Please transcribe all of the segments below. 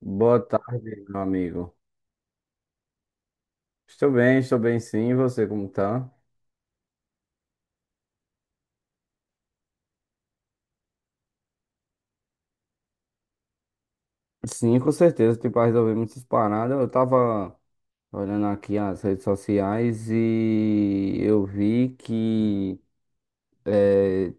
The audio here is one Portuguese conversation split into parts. Boa tarde, meu amigo. Estou bem sim. E você, como tá? Sim, com certeza. Tipo, pra resolver muitas paradas. Eu tava olhando aqui as redes sociais e eu vi que eh,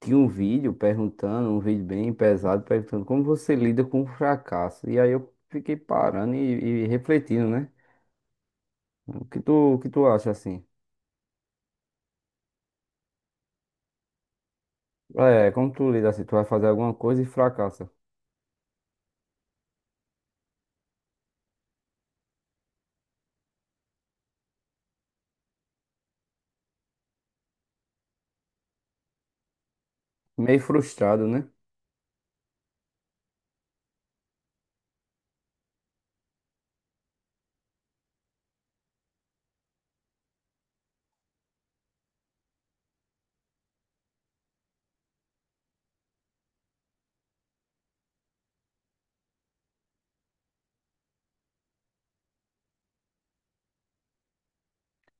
tinha um vídeo perguntando, um vídeo bem pesado, perguntando como você lida com o fracasso. E aí eu fiquei parando e refletindo, né? O que tu acha assim? É, como tu lida assim? Tu vai fazer alguma coisa e fracassa. Meio frustrado, né?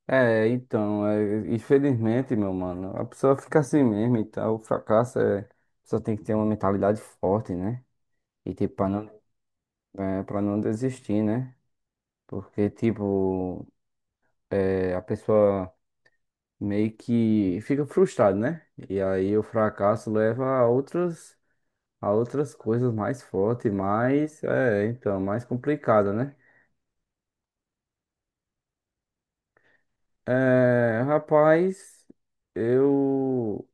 É, então, é, infelizmente, meu mano, a pessoa fica assim mesmo e tal. O fracasso é. A pessoa tem que ter uma mentalidade forte, né? E, tipo, pra não desistir, né? Porque, tipo, a pessoa meio que fica frustrada, né? E aí o fracasso leva a outras coisas mais fortes, mais. É, então, mais complicada, né? É, rapaz, eu.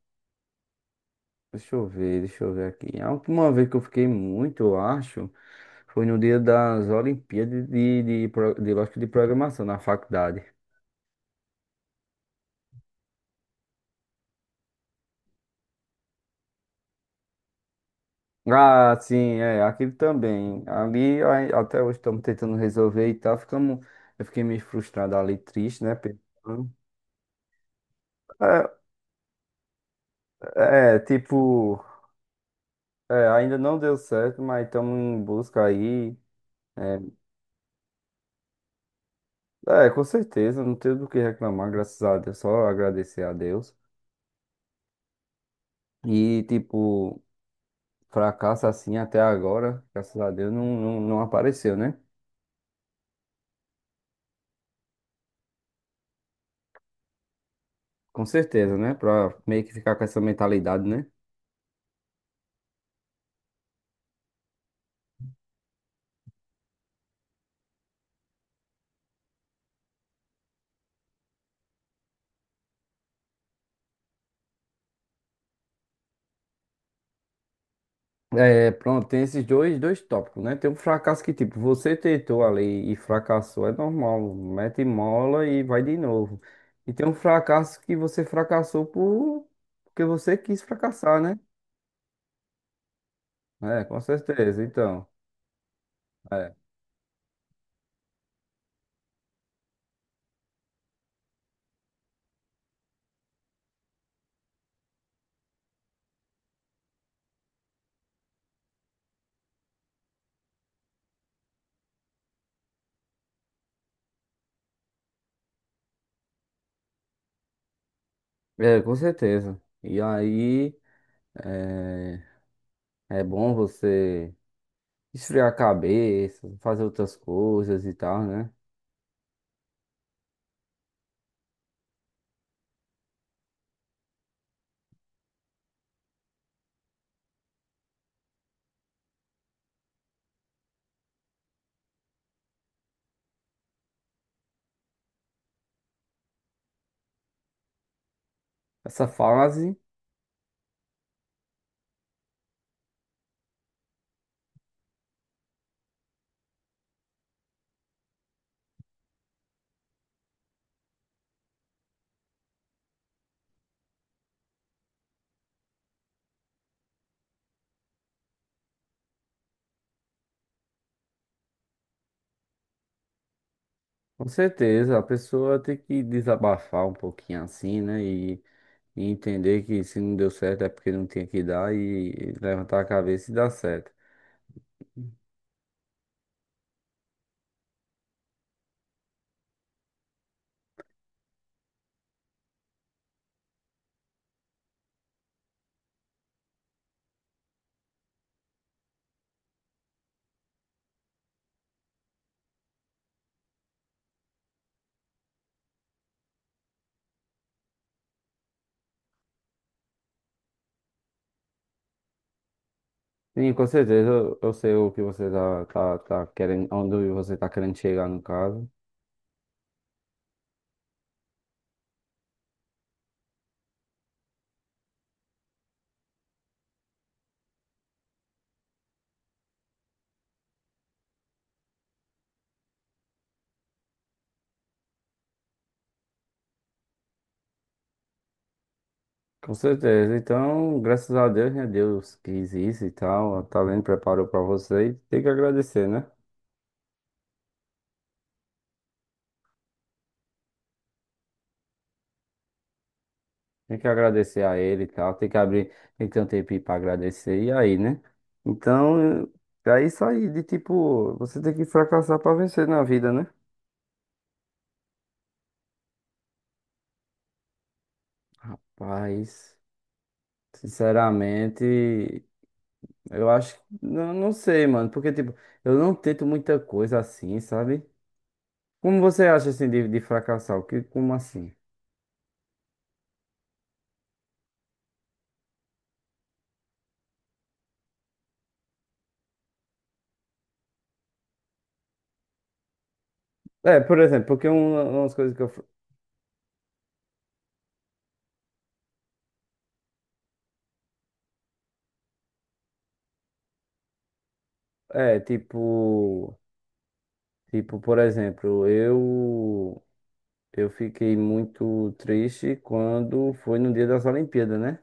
Deixa eu ver aqui. A última vez que eu fiquei muito, eu acho, foi no dia das Olimpíadas de lógica de programação na faculdade. Ah, sim, é, aquilo também. Ali, ai, até hoje estamos tentando resolver e tal. Eu fiquei meio frustrado ali, triste, né? Pensando. Tipo, ainda não deu certo, mas estamos em busca aí. É, com certeza, não tenho do que reclamar, graças a Deus, só agradecer a Deus. E, tipo. Fracasso assim até agora, graças a Deus, não, não, não apareceu, né? Com certeza, né? Pra meio que ficar com essa mentalidade, né? É, pronto, tem esses dois tópicos, né? Tem um fracasso que, tipo, você tentou ali e fracassou, é normal, mete mola e vai de novo. E tem um fracasso que você fracassou porque você quis fracassar, né? É, com certeza, então. É, é, com certeza. E aí, é, é bom você. Esfriar a cabeça, fazer outras coisas e tal, né? Essa fase, com certeza, a pessoa tem que desabafar um pouquinho assim, né? E entender que se não deu certo é porque não tinha que dar e levantar a cabeça e dar certo. Sim, com certeza, eu sei o que você tá querendo, onde você tá querendo chegar no caso. Com certeza. Então, graças a Deus, né? Deus quis isso e tal, tá vendo, preparou pra você e tem que agradecer, né? Tem que agradecer a ele e tal. Tem que ter um tempinho pra agradecer. E aí, né? Então, é isso aí, de tipo, você tem que fracassar pra vencer na vida, né? Mas, sinceramente, eu acho, não sei, mano, porque, tipo, eu não tento muita coisa assim, sabe? Como você acha, assim, de fracassar? O que, como assim? É, por exemplo, porque umas coisas que eu, é, tipo, tipo, por exemplo, eu fiquei muito triste quando foi no dia das Olimpíadas, né?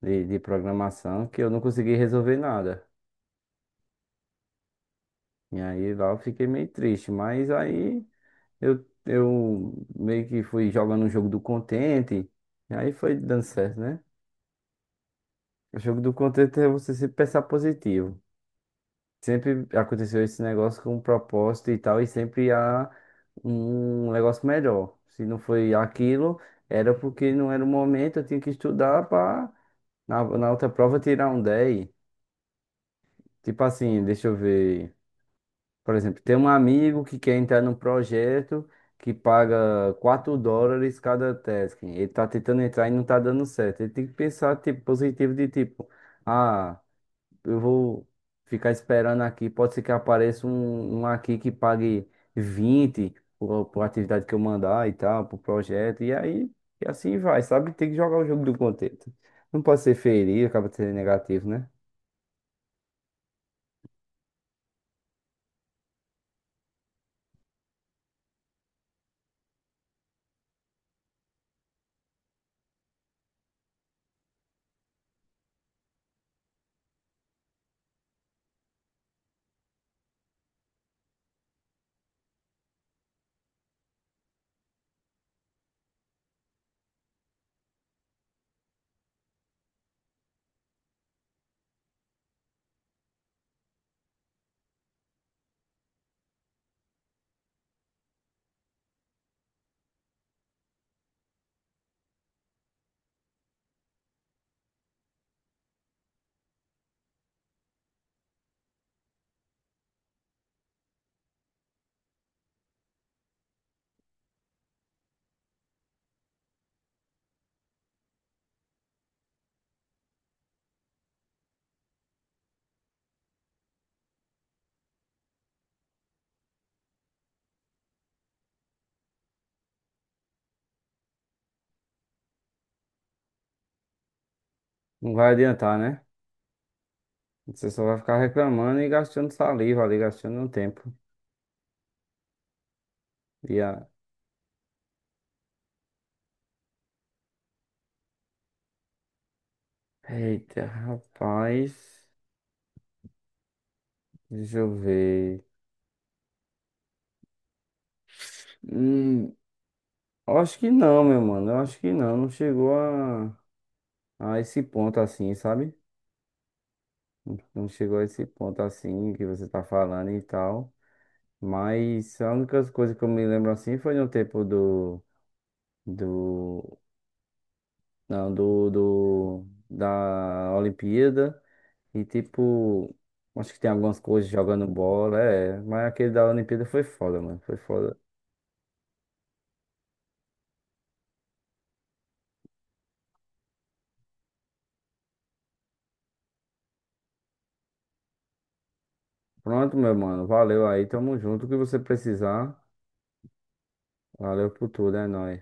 De programação, que eu não consegui resolver nada. E aí lá eu fiquei meio triste, mas aí eu meio que fui jogando o jogo do contente, e aí foi dando certo, né? O jogo do contente é você sempre pensar positivo. Sempre aconteceu esse negócio com um propósito e tal, e sempre há um negócio melhor. Se não foi aquilo, era porque não era o momento, eu tinha que estudar para. Na outra prova tirar um 10. Tipo assim, deixa eu ver. Por exemplo, tem um amigo que quer entrar num projeto que paga $4 cada task. Ele tá tentando entrar e não tá dando certo. Ele tem que pensar tipo, positivo de tipo, ah, eu vou ficar esperando aqui, pode ser que apareça um aqui que pague 20 por atividade que eu mandar e tal, pro projeto. E aí, e assim vai, sabe? Tem que jogar o jogo do contexto. Não pode ser feio, acaba sendo negativo, né? Não vai adiantar, né? Você só vai ficar reclamando e gastando saliva ali, gastando um tempo. E a... Eita, rapaz. Deixa eu ver. Hum, eu acho que não, meu mano. Eu acho que não. Não chegou a, esse ponto assim, sabe? Não chegou a esse ponto assim que você tá falando e tal. Mas a única coisa que eu me lembro assim foi no tempo do. Do. Não, Do da Olimpíada. E tipo, acho que tem algumas coisas jogando bola, é. Mas aquele da Olimpíada foi foda, mano. Foi foda. Pronto, meu mano. Valeu aí, tamo junto. O que você precisar. Valeu por tudo, é nóis.